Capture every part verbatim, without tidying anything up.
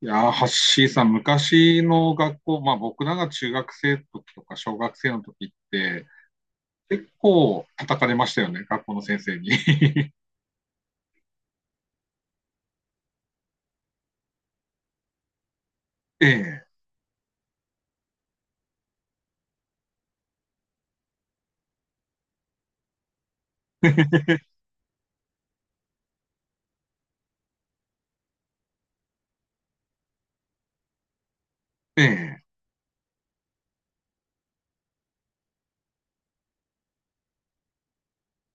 いやー、ハッシーさん、昔の学校、まあ僕らが中学生の時とか小学生の時って、結構叩かれましたよね、学校の先生に。ええ、ええ、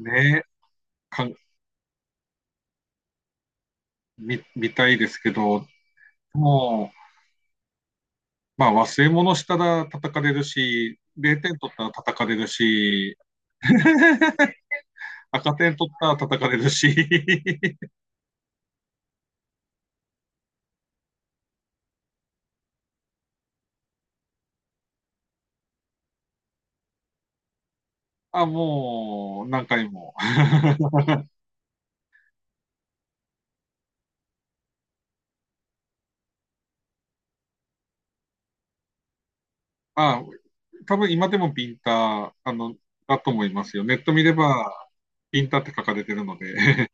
ねえ、か、み、見たいですけど、もう、まあ忘れ物したら叩かれるし、れいてん取ったら叩かれるし、赤点取ったら叩かれるし、あ、もう何回も。あ、多分今でもピンタ、あの、だと思いますよ。ネット見れば、ピンタって書かれてるので。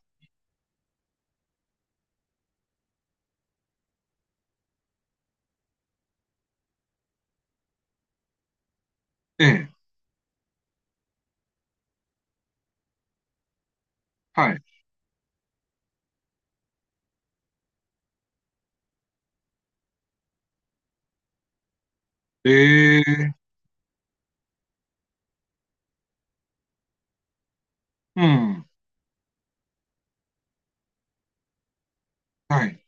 ええ、はい。ええ、うん、はい。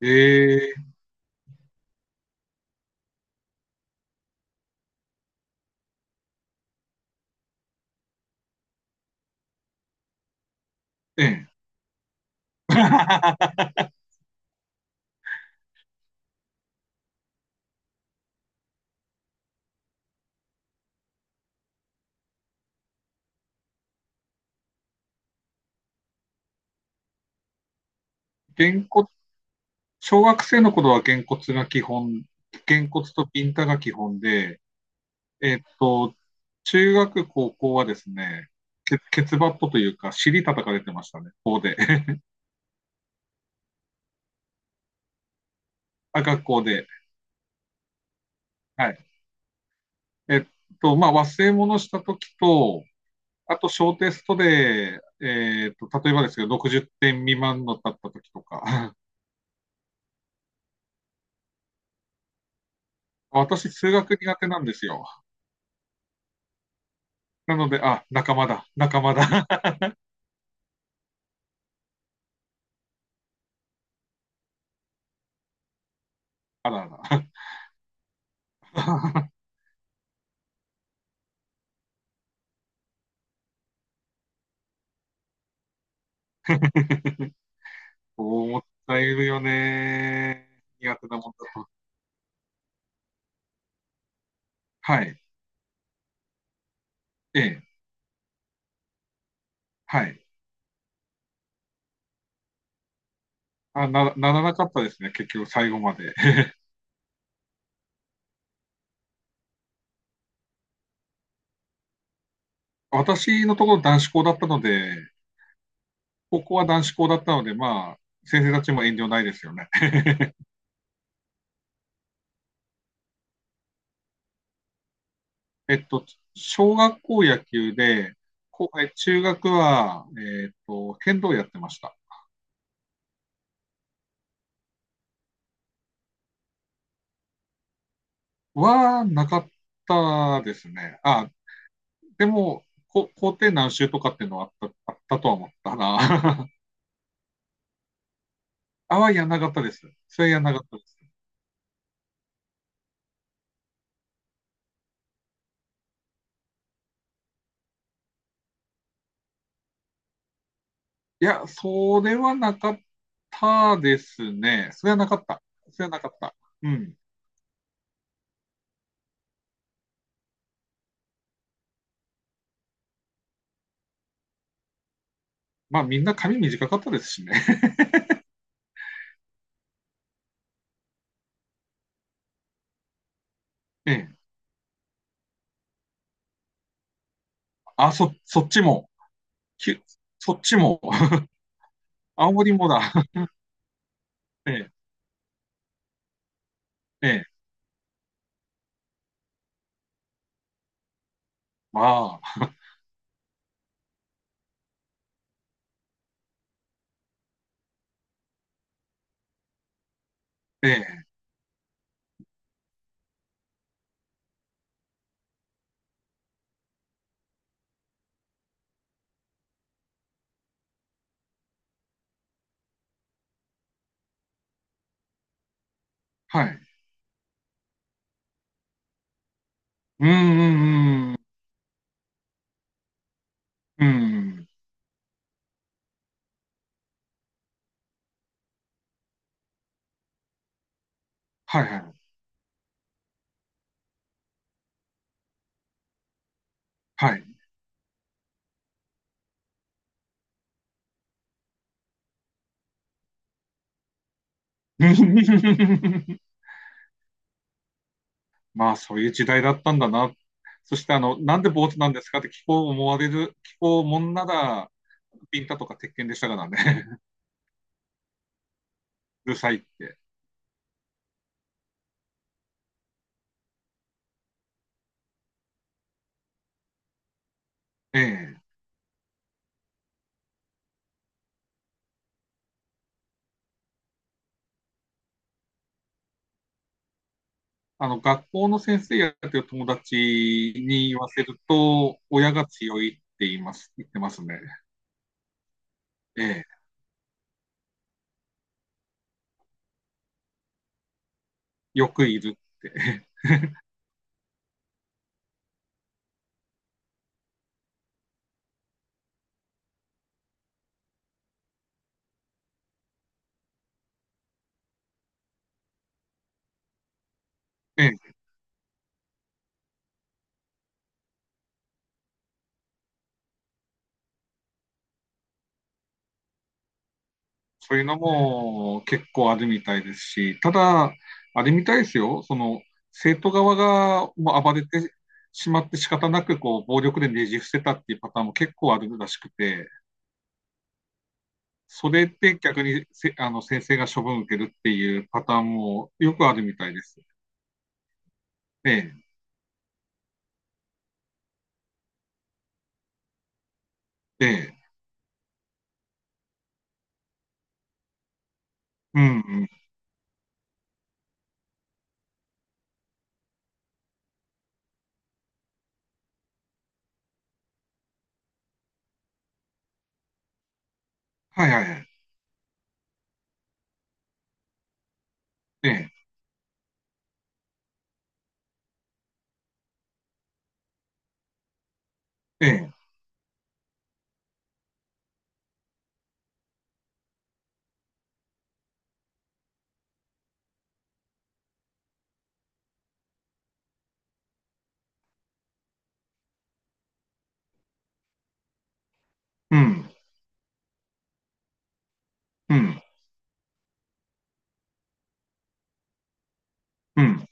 ええ、ええ。げんこ小学生の頃はげんこつが基本、げんこつとピンタが基本で、えっと、中学、高校はですね、ケ、ケツバットというか、尻叩かれてましたね、校で。あ、学校で。はい。えっと、まあ、忘れ物した時と、あと、小テストで、えっと、例えばですけど、ろくじゅってん未満のだった時とか、私、数学苦手なんですよ。なので、あ、仲間だ、仲間だ。あらあら。思っちいるよね。苦手なもんだと。はい。ええ。はい。あ、な、ならなかったですね、結局、最後まで。私のところ男子校だったので、高校は男子校だったので、まあ、先生たちも遠慮ないですよね。えっと、小学校野球で、こえ中学は、えっと、剣道やってました。は、なかったですね。あ、でも、こ校庭何周とかっていうのはあった、あったとは思ったな。あはやんなかったです。それやんなかったです。いや、それはなかったですね。それはなかった。それはなかった。うん。まあ、みんな髪短かったですしね。ええ。あ、そ、そっちも。きゅそっちも。青森もだ。ええ。ええああ、ええ、はい。うんうんうんうん。はいはい。はい。まあ、そういう時代だったんだな。そして、あの、なんで坊主なんですかって聞こう思われる、聞こうもんなら、ピンタとか鉄拳でしたからね。うるさいって。ええ。あの、学校の先生やってる友達に言わせると、親が強いって言います、言ってますね。ええ。よくいるって。えそういうのも結構あるみたいですし、ただ、あれみたいですよ、その生徒側がもう暴れてしまって仕方なくこう暴力でねじ伏せたっていうパターンも結構あるらしくて、それで逆にせあの先生が処分を受けるっていうパターンもよくあるみたいです。ええ、ええ、うん、うん、はいはいはい、ええ、ええ、うん、うん、うん。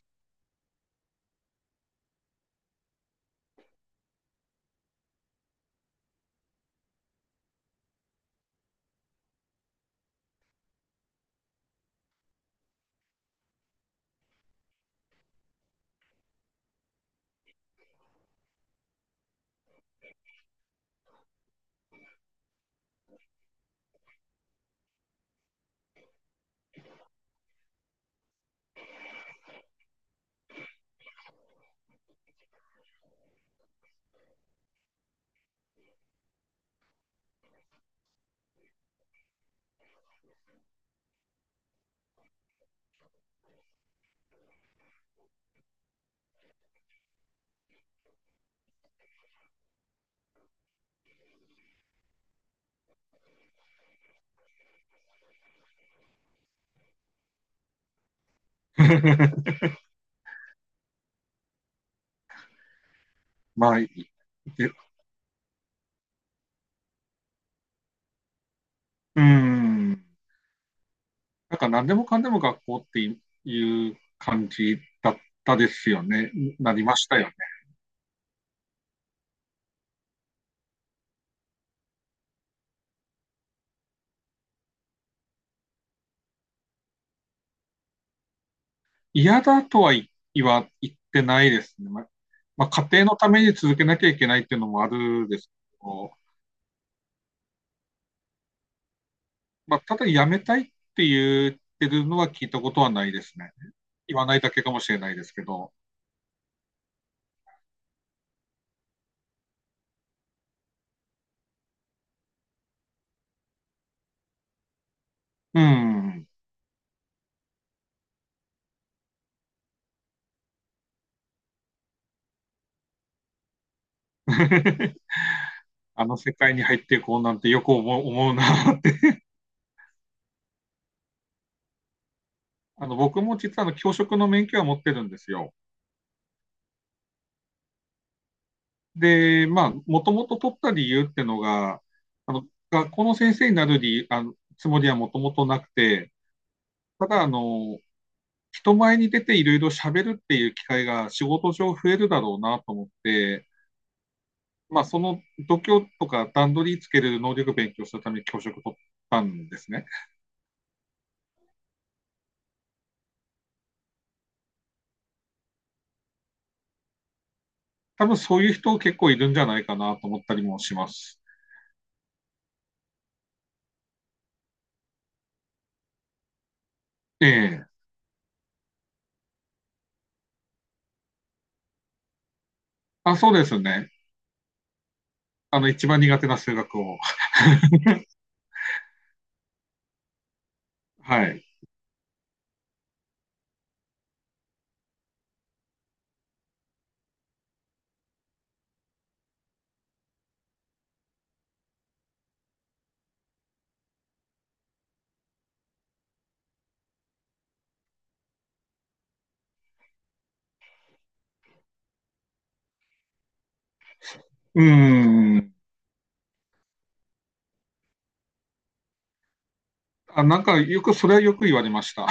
まあいい。でうん。なんか何でもかんでも学校っていう感じだったですよね。なりましたよね。嫌だとは言わ言ってないですね。まあ、まあ家庭のために続けなきゃいけないっていうのもあるですけど、まあ、ただ辞めたいって言ってるのは聞いたことはないですね。言わないだけかもしれないですけど、うん。あの世界に入っていこうなんてよく思う思うなって。あの僕も実はあの教職の免許は持ってるんですよ。で、まあ、もともと取った理由ってのが、あの、学校の先生になる理、あの、つもりはもともとなくて、ただ、あの、人前に出ていろいろ喋るっていう機会が仕事上増えるだろうなと思って、まあ、その度胸とか段取りつける能力勉強するために教職取ったんですね。多分そういう人結構いるんじゃないかなと思ったりもします。ええ。あ、そうですね。あの、一番苦手な数学を。はい。うーん。あ、なんかよく、それはよく言われました。